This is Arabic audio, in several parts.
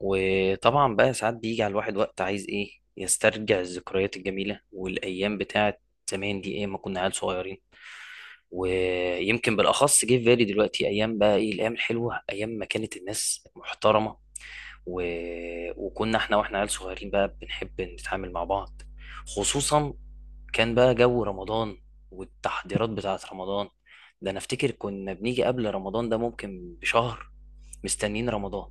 وطبعا بقى ساعات بيجي على الواحد وقت عايز ايه يسترجع الذكريات الجميلة والايام بتاعت زمان دي ايه؟ ما كنا عيال صغيرين، ويمكن بالاخص جه في بالي دلوقتي ايام، بقى ايه الايام الحلوة؟ ايام ما كانت الناس محترمة و... وكنا احنا واحنا عيال صغيرين بقى بنحب نتعامل مع بعض، خصوصا كان بقى جو رمضان والتحضيرات بتاعت رمضان. ده انا افتكر كنا بنيجي قبل رمضان ده ممكن بشهر مستنيين رمضان.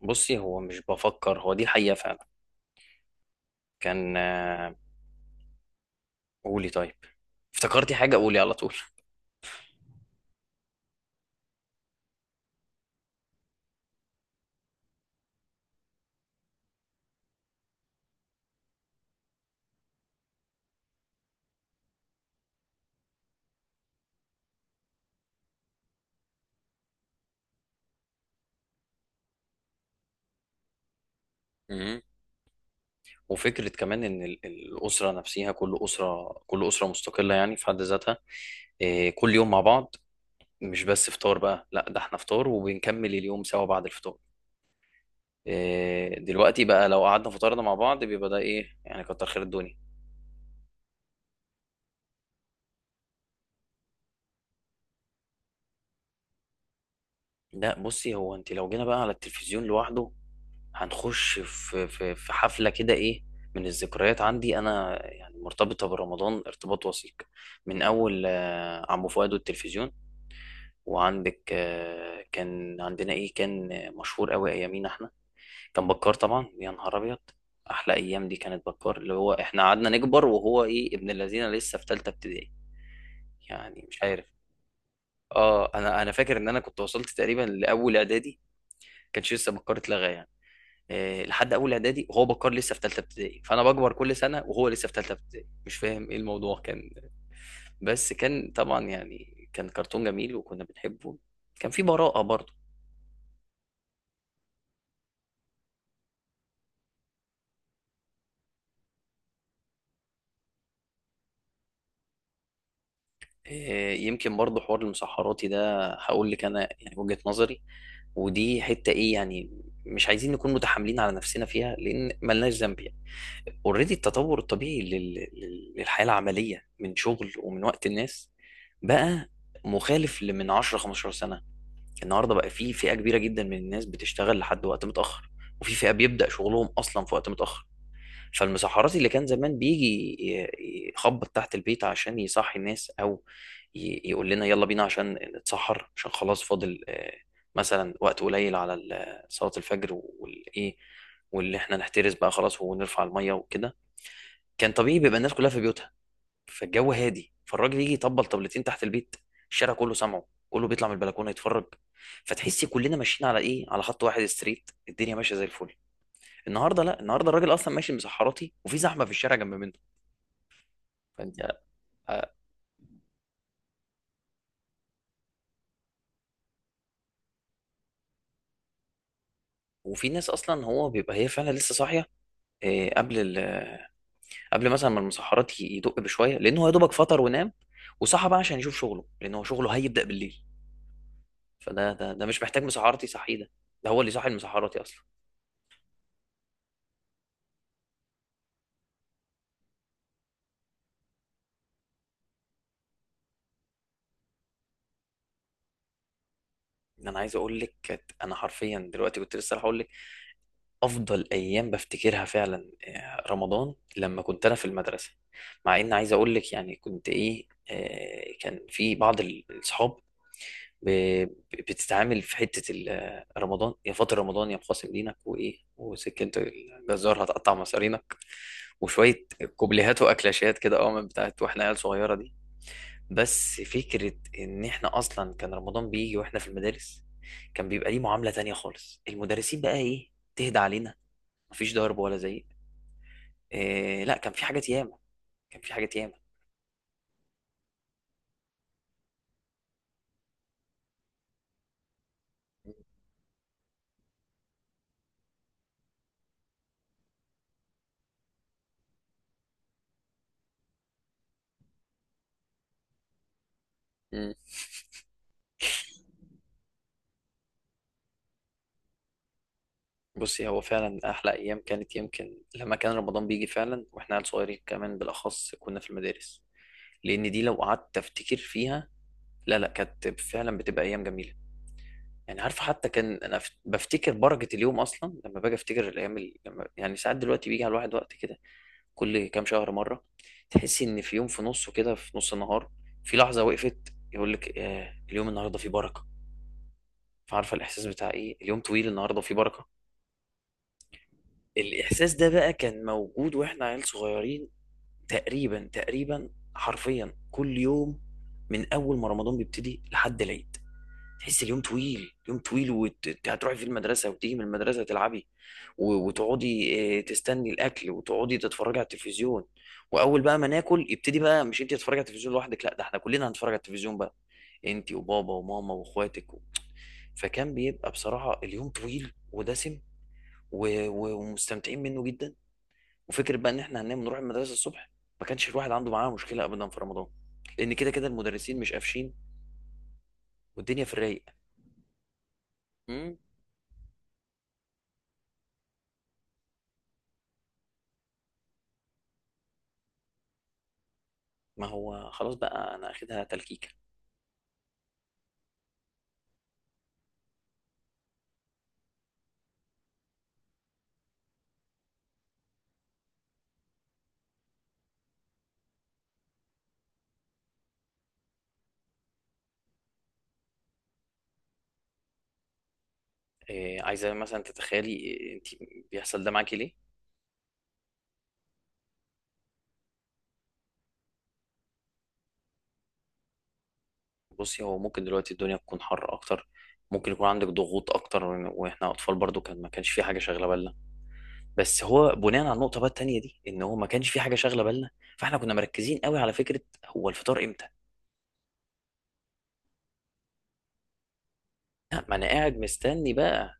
بصي، هو مش بفكر، هو دي حقيقة فعلا. كان قولي طيب، افتكرتي حاجة قولي على طول. مم. وفكرة كمان إن الأسرة نفسها، كل أسرة، كل أسرة مستقلة يعني في حد ذاتها. إيه، كل يوم مع بعض، مش بس فطار بقى، لا ده احنا فطار وبنكمل اليوم سوا بعد الفطار. إيه، دلوقتي بقى لو قعدنا فطرنا مع بعض بيبقى ده إيه يعني، كتر خير الدنيا. لا بصي، هو أنت لو جينا بقى على التلفزيون لوحده هنخش في حفلة كده. إيه، من الذكريات عندي أنا يعني مرتبطة برمضان ارتباط وثيق، من أول عمو فؤاد والتلفزيون. وعندك كان عندنا إيه، كان مشهور أوي أيامينا إحنا كان بكار، طبعا يا نهار أبيض، أحلى أيام دي كانت بكار، اللي هو إحنا قعدنا نكبر وهو إيه ابن الذين لسه في تالتة ابتدائي. يعني مش عارف، آه أنا فاكر إن أنا كنت وصلت تقريبا لأول إعدادي، كانش لسه بكار اتلغى يعني. آه، لحد اول اعدادي وهو بكار لسه في ثالثه ابتدائي، فانا بكبر كل سنه وهو لسه في ثالثه ابتدائي، مش فاهم ايه الموضوع كان. بس كان طبعا يعني كان كرتون جميل وكنا بنحبه، كان في براءة برضه. آه، يمكن برضه حوار المسحراتي ده هقول لك انا يعني وجهة نظري، ودي حتة ايه يعني، مش عايزين نكون متحاملين على نفسنا فيها لان ملناش ذنب يعني. اوريدي التطور الطبيعي للحياة العملية من شغل ومن وقت الناس بقى مخالف لمن 10 15 سنة. النهارده بقى في فئه كبيره جدا من الناس بتشتغل لحد وقت متاخر، وفي فئه بيبدا شغلهم اصلا في وقت متاخر. فالمسحراتي اللي كان زمان بيجي يخبط تحت البيت عشان يصحي الناس، او يقول لنا يلا بينا عشان نتسحر، عشان خلاص فاضل مثلا وقت قليل على صلاه الفجر والايه، واللي احنا نحترس بقى خلاص ونرفع الميه وكده، كان طبيعي بيبقى الناس كلها في بيوتها، فالجو هادي، فالراجل يجي يطبل طبلتين تحت البيت، الشارع كله سامعه، كله بيطلع من البلكونه يتفرج، فتحس كلنا ماشيين على ايه، على خط واحد ستريت، الدنيا ماشيه زي الفل. النهارده لا، النهارده الراجل اصلا ماشي مسحراتي وفي زحمه في الشارع جنب منه. فانت، آه، وفي ناس اصلا هو بيبقى هي فعلا لسه صاحيه، آه، قبل مثلا ما المسحرات يدق بشويه لان هو يا دوبك فطر ونام، وصحى بقى عشان يشوف شغله لان هو شغله هيبدا بالليل. فده ده ده مش محتاج مسحراتي صحيه ده، ده هو اللي صاحي المسحراتي اصلا. ان انا عايز اقول لك انا حرفيا دلوقتي كنت لسه هقول لك افضل ايام بفتكرها فعلا، آه، رمضان لما كنت انا في المدرسه. مع ان عايز اقول لك يعني كنت ايه، آه، كان في بعض الاصحاب بتتعامل في حته آه، رمضان يا فاطر، رمضان يا مقاسم دينك، وايه وسكه الجزار هتقطع مصارينك وشويه كوبليهات واكلاشات كده، اه من بتاعت واحنا عيال صغيره دي. بس فكرة إن إحنا أصلا كان رمضان بيجي وإحنا في المدارس، كان بيبقى ليه معاملة تانية خالص، المدرسين بقى إيه تهدى علينا، مفيش ضرب ولا زعيق، إيه، لا كان في حاجات ياما، كان في حاجات ياما. مم. بصي، هو فعلا أحلى أيام كانت يمكن لما كان رمضان بيجي فعلا وإحنا عيال صغيرين، كمان بالأخص كنا في المدارس، لأن دي لو قعدت أفتكر فيها، لا لا كانت فعلا بتبقى أيام جميلة. يعني عارف حتى كان انا بفتكر بركه اليوم اصلا لما باجي افتكر الايام لما يعني ساعات دلوقتي بيجي على الواحد وقت كده كل كام شهر مره، تحس ان في يوم في نصه كده، في نص النهار، في لحظه وقفت، يقول لك آه اليوم النهارده فيه بركه. فعارفه الاحساس بتاع ايه، اليوم طويل النهارده فيه بركه؟ الاحساس ده بقى كان موجود واحنا عيال صغيرين، تقريبا حرفيا كل يوم من اول ما رمضان بيبتدي لحد العيد، تحس اليوم طويل، يوم طويل، وهتروحي في المدرسة وتيجي من المدرسة تلعبي وتقعدي، آه، تستني الأكل وتقعدي تتفرجي على التلفزيون، وأول بقى ما ناكل يبتدي بقى، مش أنت تتفرجي على التلفزيون لوحدك، لا ده احنا كلنا هنتفرج على التلفزيون بقى، أنت وبابا وماما وإخواتك فكان بيبقى بصراحة اليوم طويل ودسم، ومستمتعين منه جدا. وفكرة بقى إن احنا هننام نروح المدرسة الصبح، ما كانش الواحد عنده معاه مشكلة أبدا في رمضان، لأن كده كده المدرسين مش قافشين والدنيا في الرايق. ما هو خلاص بقى انا اخدها تلكيكه. إيه عايزه مثلا تتخيلي إيه انت، بيحصل ده معاكي ليه؟ بصي، هو ممكن دلوقتي الدنيا تكون حر اكتر، ممكن يكون عندك ضغوط اكتر، واحنا اطفال برضو كان ما كانش في حاجه شاغله بالنا. بس هو بناء على النقطه بقى التانيه دي، ان هو ما كانش في حاجه شاغله بالنا، فاحنا كنا مركزين قوي على فكره هو الفطار امتى. لا، ما انا قاعد مستني بقى،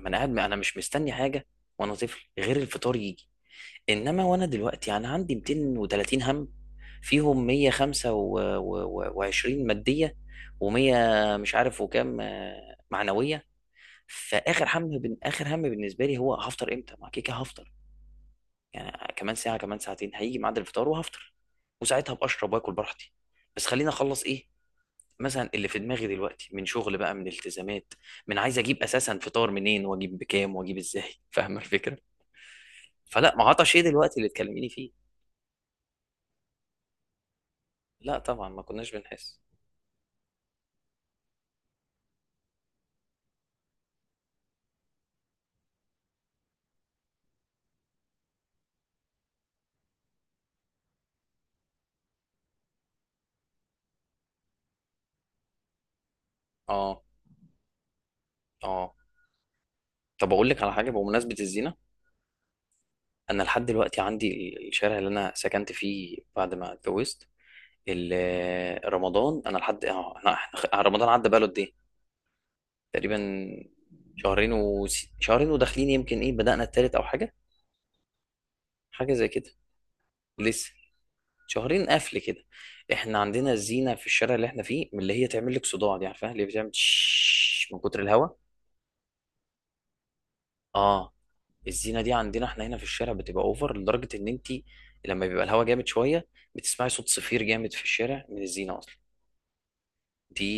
ما انا قاعد، انا مش مستني حاجه وانا طفل غير الفطار يجي. انما وانا دلوقتي انا عندي 230 هم، فيهم 125 ماديه و100 مش عارف وكام، معنويه. فاخر هم اخر هم بالنسبه لي هو هفطر امتى، ما كيكه هفطر يعني كمان ساعه كمان ساعتين هيجي ميعاد الفطار وهفطر، وساعتها ابقى اشرب واكل براحتي، بس خليني اخلص ايه مثلا اللي في دماغي دلوقتي من شغل بقى، من التزامات، من عايز اجيب اساسا فطار منين واجيب بكام واجيب ازاي فاهمه الفكره. فلا ما عطش ايه دلوقتي اللي تكلميني فيه؟ لا طبعا ما كناش بنحس. اه. اه. طب اقول لك على حاجه بمناسبه الزينه، انا لحد دلوقتي عندي الشارع اللي انا سكنت فيه بعد ما اتجوزت، رمضان انا لحد آه، رمضان عدى بقاله قد ايه؟ تقريبا شهرين و شهرين وداخلين، يمكن ايه بدأنا التالت او حاجه، حاجه زي كده. لسه شهرين قفل كده. احنا عندنا الزينه في الشارع اللي احنا فيه من اللي هي تعمل لك صداع دي، عارفاها اللي بتعمل تش من كتر الهواء؟ اه، الزينه دي عندنا احنا هنا في الشارع بتبقى اوفر، لدرجه ان انت لما بيبقى الهوا جامد شويه، بتسمعي صوت صفير جامد في الشارع من الزينه اصلا دي.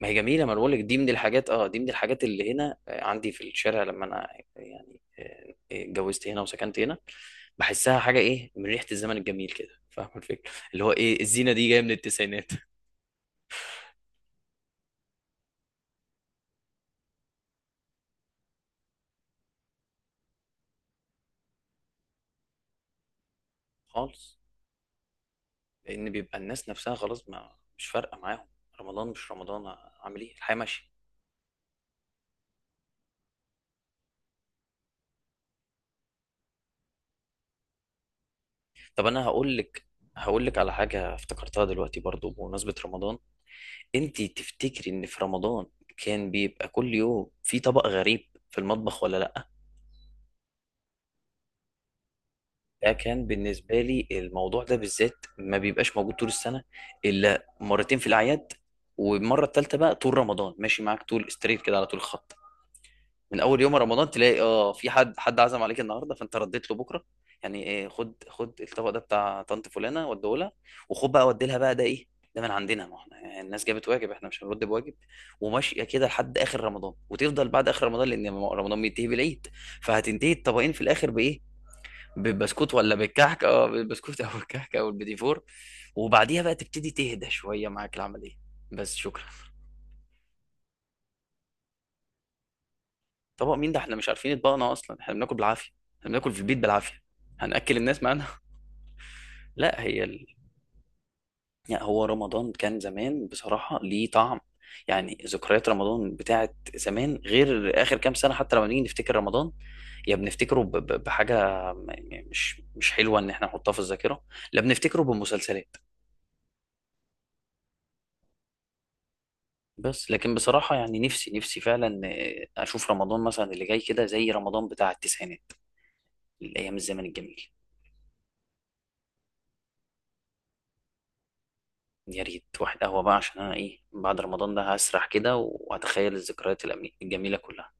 ما هي جميله، ما أنا بقول لك دي من الحاجات، اه دي من الحاجات اللي هنا، آه، عندي في الشارع لما انا يعني، اتجوزت هنا وسكنت هنا، بحسها حاجه ايه من ريحه الزمن الجميل كده، فاهم الفكره اللي هو ايه، الزينه دي جايه من التسعينات. خالص، لان بيبقى الناس نفسها خلاص ما مش فارقه معاهم، رمضان مش رمضان، اعمل ايه، الحياه ماشيه. طب انا هقول لك، هقول لك على حاجه افتكرتها دلوقتي برضو بمناسبه رمضان، انت تفتكري ان في رمضان كان بيبقى كل يوم في طبق غريب في المطبخ ولا لا؟ ده كان بالنسبه لي الموضوع ده بالذات ما بيبقاش موجود طول السنه الا مرتين في الاعياد، والمره الثالثه بقى طول رمضان ماشي معاك طول ستريت كده على طول خط. من اول يوم رمضان تلاقي اه في حد، حد عزم عليك النهارده فانت رديت له بكره، يعني ايه، خد، خد الطبق ده بتاع طنط فلانه وديه لها، وخد بقى ودي لها بقى ده ايه، ده من عندنا ما احنا يعني الناس جابت واجب احنا مش هنرد بواجب، وماشيه كده لحد اخر رمضان، وتفضل بعد اخر رمضان لان رمضان بينتهي بالعيد، فهتنتهي الطبقين في الاخر بايه، بالبسكوت ولا بالكحك؟ اه بالبسكوت او الكحك او البيدي فور. وبعديها بقى تبتدي تهدى شويه معاك العمليه، بس شكرا. طبق مين ده، احنا مش عارفين يطبقنا اصلا، احنا بناكل بالعافيه، احنا بناكل في البيت بالعافيه، هنأكل الناس معانا؟ لا هي ال... يعني هو رمضان كان زمان بصراحه ليه طعم، يعني ذكريات رمضان بتاعت زمان غير اخر كام سنه، حتى لما نيجي نفتكر رمضان، يا بنفتكره بحاجه مش حلوه ان احنا نحطها في الذاكره، لا بنفتكره بمسلسلات. بس لكن بصراحه يعني نفسي فعلا، آه، اشوف رمضان مثلا اللي جاي كده زي رمضان بتاع التسعينات، الايام الزمن الجميل. يا ريت واحد قهوة بقى عشان أنا إيه بعد رمضان ده هسرح كده وهتخيل الذكريات الجميلة كلها.